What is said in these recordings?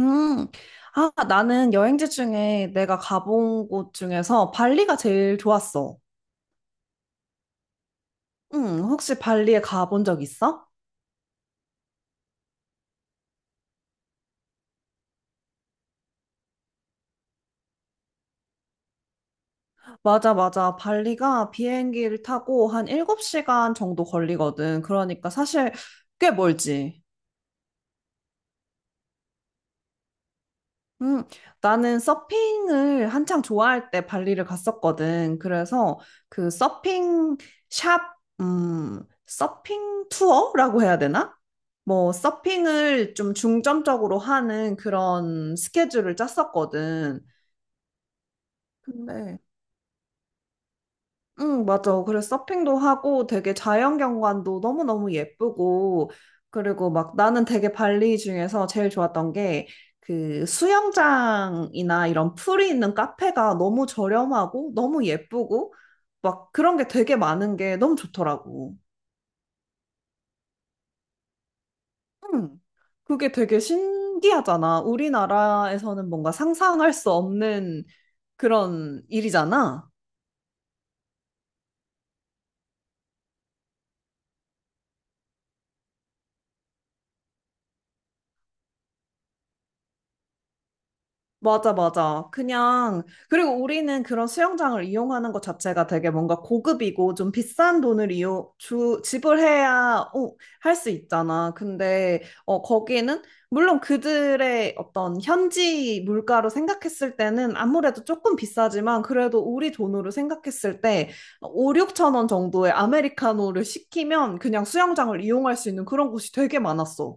음, 아, 나는 여행지 중에 내가 가본 곳 중에서 발리가 제일 좋았어. 응, 혹시 발리에 가본 적 있어? 맞아, 맞아. 발리가 비행기를 타고 한 7시간 정도 걸리거든. 그러니까 사실 꽤 멀지. 음, 나는 서핑을 한창 좋아할 때 발리를 갔었거든. 그래서 그 서핑 샵, 서핑 투어라고 해야 되나? 뭐, 서핑을 좀 중점적으로 하는 그런 스케줄을 짰었거든. 근데 응, 맞아. 그래서 서핑도 하고 되게 자연경관도 너무너무 예쁘고, 그리고 막 나는 되게 발리 중에서 제일 좋았던 게 그 수영장이나 이런 풀이 있는 카페가 너무 저렴하고 너무 예쁘고 막 그런 게 되게 많은 게 너무 좋더라고. 응. 그게 되게 신기하잖아. 우리나라에서는 뭔가 상상할 수 없는 그런 일이잖아. 맞아, 맞아. 그냥, 그리고 우리는 그런 수영장을 이용하는 것 자체가 되게 뭔가 고급이고 좀 비싼 돈을 지불해야 할수 있잖아. 근데, 거기는, 물론 그들의 어떤 현지 물가로 생각했을 때는 아무래도 조금 비싸지만 그래도 우리 돈으로 생각했을 때 5, 6천 원 정도의 아메리카노를 시키면 그냥 수영장을 이용할 수 있는 그런 곳이 되게 많았어.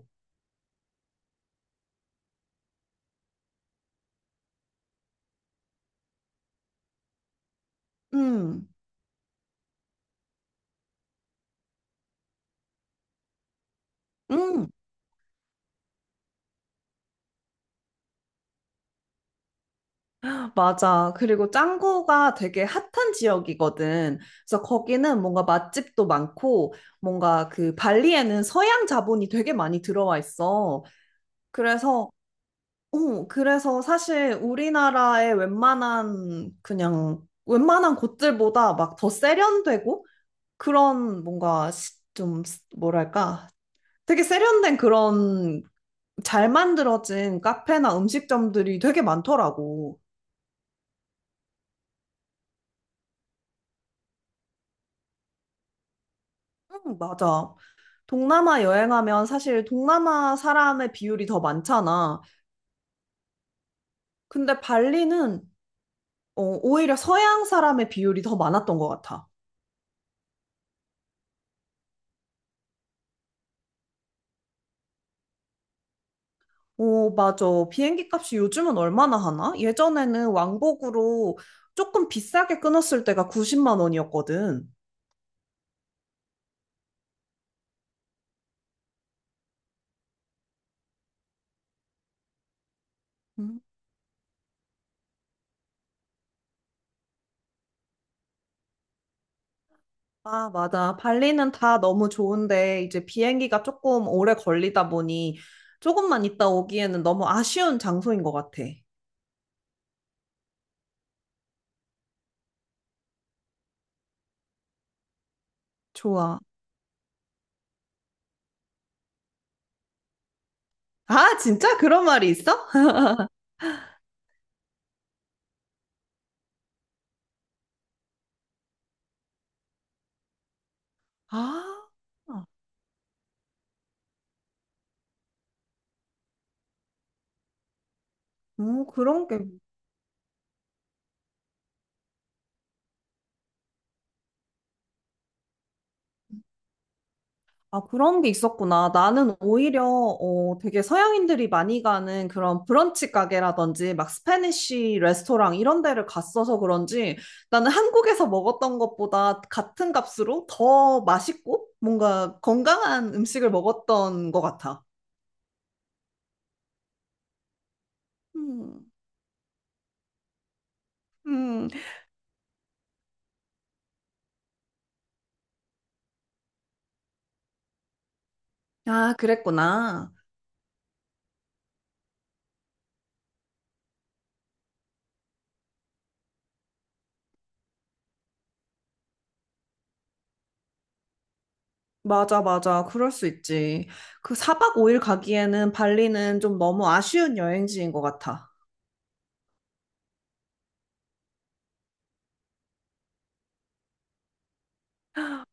음, 음. 맞아. 그리고 짱구가 되게 핫한 지역이거든. 그래서 거기는 뭔가 맛집도 많고, 뭔가 그 발리에는 서양 자본이 되게 많이 들어와 있어. 그래서, 그래서 사실 우리나라의 웬만한, 그냥, 웬만한 곳들보다 막 더 세련되고, 그런 뭔가 좀, 뭐랄까. 되게 세련된 그런 잘 만들어진 카페나 음식점들이 되게 많더라고. 응, 맞아. 동남아 여행하면 사실 동남아 사람의 비율이 더 많잖아. 근데 발리는 오히려 서양 사람의 비율이 더 많았던 것 같아. 오, 맞아. 비행기 값이 요즘은 얼마나 하나? 예전에는 왕복으로 조금 비싸게 끊었을 때가 90만 원이었거든. 음. 아, 맞아. 발리는 다 너무 좋은데, 이제 비행기가 조금 오래 걸리다 보니, 조금만 있다 오기에는 너무 아쉬운 장소인 것 같아. 좋아. 아, 진짜? 그런 말이 있어? 아, 오, 그런 게, 아, 그런 게 있었구나. 나는 오히려, 되게 서양인들이 많이 가는 그런 브런치 가게라든지, 막 스페니쉬 레스토랑 이런 데를 갔어서 그런지, 나는 한국에서 먹었던 것보다 같은 값으로 더 맛있고, 뭔가 건강한 음식을 먹었던 것 같아. 음, 음, 아, 그랬구나. 맞아, 맞아. 그럴 수 있지. 그 사박 5일 가기에는 발리는 좀 너무 아쉬운 여행지인 것 같아.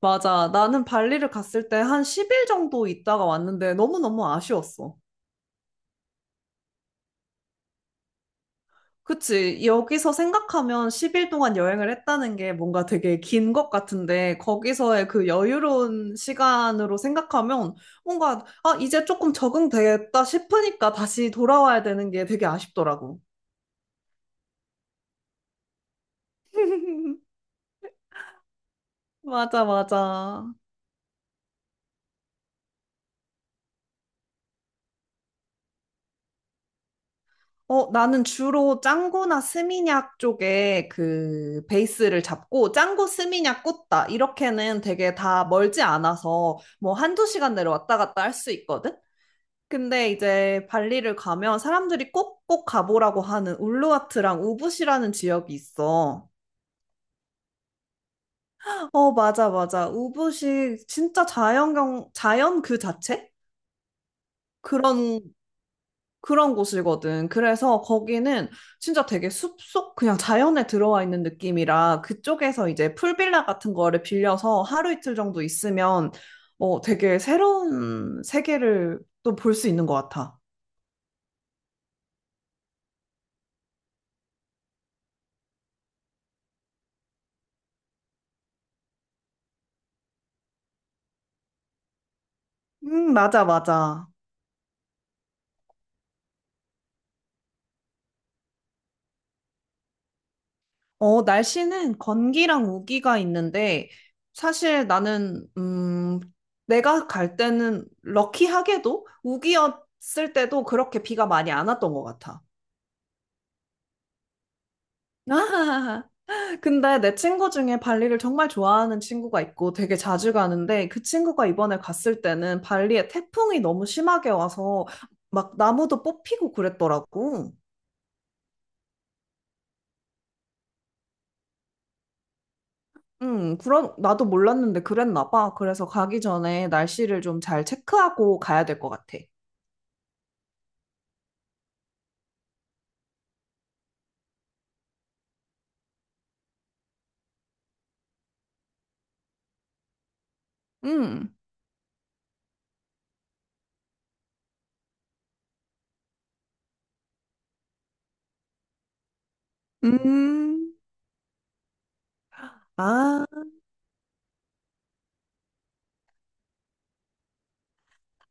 맞아. 나는 발리를 갔을 때 한 10일 정도 있다가 왔는데 너무너무 아쉬웠어. 그치. 여기서 생각하면 10일 동안 여행을 했다는 게 뭔가 되게 긴 것 같은데 거기서의 그 여유로운 시간으로 생각하면 뭔가 아, 이제 조금 적응됐다 싶으니까 다시 돌아와야 되는 게 되게 아쉽더라고. 맞아, 맞아. 나는 주로 짱구나 스미냑 쪽에 그 베이스를 잡고 짱구 스미냑 꽂다 이렇게는 되게 다 멀지 않아서 뭐 한두 시간 내로 왔다 갔다 할 수 있거든? 근데 이제 발리를 가면 사람들이 꼭꼭 가보라고 하는 울루와트랑 우붓이라는 지역이 있어. 어, 맞아, 맞아. 우붓이 진짜 자연 그 자체? 그런 그런 곳이거든. 그래서 거기는 진짜 되게 숲속 그냥 자연에 들어와 있는 느낌이라 그쪽에서 이제 풀빌라 같은 거를 빌려서 하루 이틀 정도 있으면 되게 새로운 세계를 또 볼 수 있는 것 같아. 맞아, 맞아. 날씨는 건기랑 우기가 있는데 사실 나는 내가 갈 때는 럭키하게도 우기였을 때도 그렇게 비가 많이 안 왔던 것 같아. 근데 내 친구 중에 발리를 정말 좋아하는 친구가 있고 되게 자주 가는데 그 친구가 이번에 갔을 때는 발리에 태풍이 너무 심하게 와서 막 나무도 뽑히고 그랬더라고. 그런, 나도 몰랐는데 그랬나 봐. 그래서 가기 전에 날씨를 좀 잘 체크하고 가야 될 것 같아. 음. 음, 아.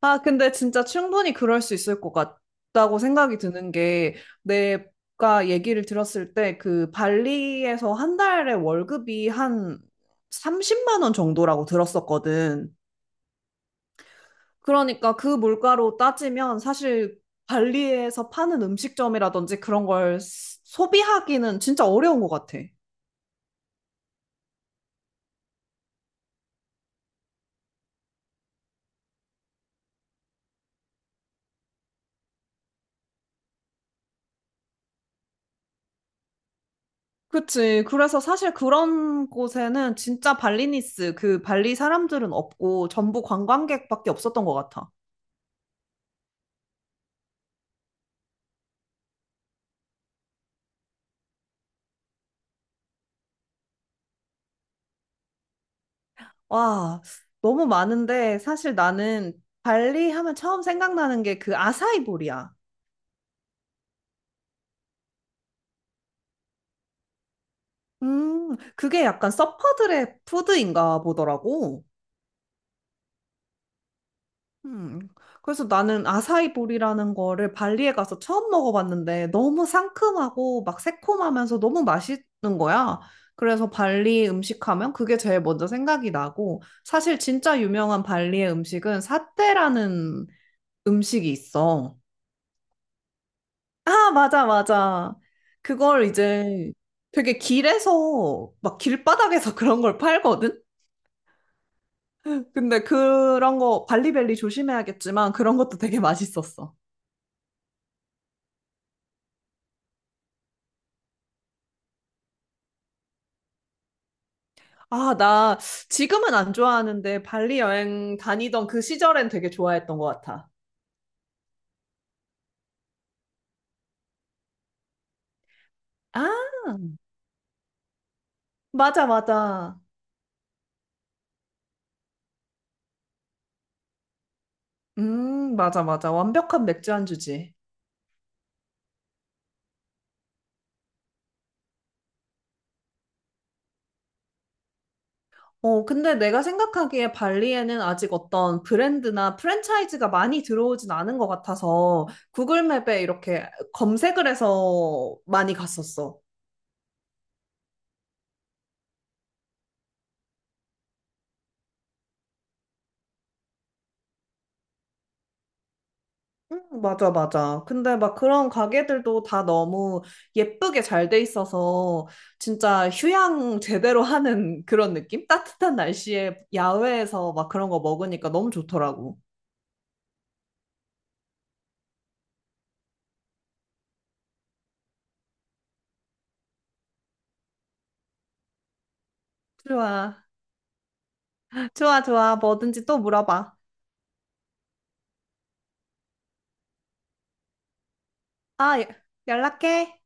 아, 근데 진짜 충분히 그럴 수 있을 것 같다고 생각이 드는 게, 내가 얘기를 들었을 때, 그 발리에서 한 달에 월급이 한 30만 원 정도라고 들었었거든. 그러니까 그 물가로 따지면 사실 발리에서 파는 음식점이라든지 그런 걸 소비하기는 진짜 어려운 것 같아. 그치. 그래서 사실 그런 곳에는 진짜 그 발리 사람들은 없고 전부 관광객밖에 없었던 것 같아. 와, 너무 많은데 사실 나는 발리 하면 처음 생각나는 게 그 아사이볼이야. 그게 약간 서퍼들의 푸드인가 보더라고. 음, 그래서 나는 아사이볼이라는 거를 발리에 가서 처음 먹어봤는데 너무 상큼하고 막 새콤하면서 너무 맛있는 거야. 그래서 발리 음식하면 그게 제일 먼저 생각이 나고 사실 진짜 유명한 발리의 음식은 사테라는 음식이 있어. 아, 맞아, 맞아. 그걸 이제 되게 길에서, 막 길바닥에서 그런 걸 팔거든? 근데 그런 거, 발리벨리 조심해야겠지만 그런 것도 되게 맛있었어. 아, 나 지금은 안 좋아하는데 발리 여행 다니던 그 시절엔 되게 좋아했던 것 같아. 아, 맞아, 맞아. 맞아, 맞아. 완벽한 맥주 안주지. 근데 내가 생각하기에 발리에는 아직 어떤 브랜드나 프랜차이즈가 많이 들어오진 않은 것 같아서 구글 맵에 이렇게 검색을 해서 많이 갔었어. 응, 맞아, 맞아. 근데 막 그런 가게들도 다 너무 예쁘게 잘 돼 있어서 진짜 휴양 제대로 하는 그런 느낌? 따뜻한 날씨에 야외에서 막 그런 거 먹으니까 너무 좋더라고. 좋아. 좋아, 좋아. 뭐든지 또 물어봐. 아, 예. 연락해.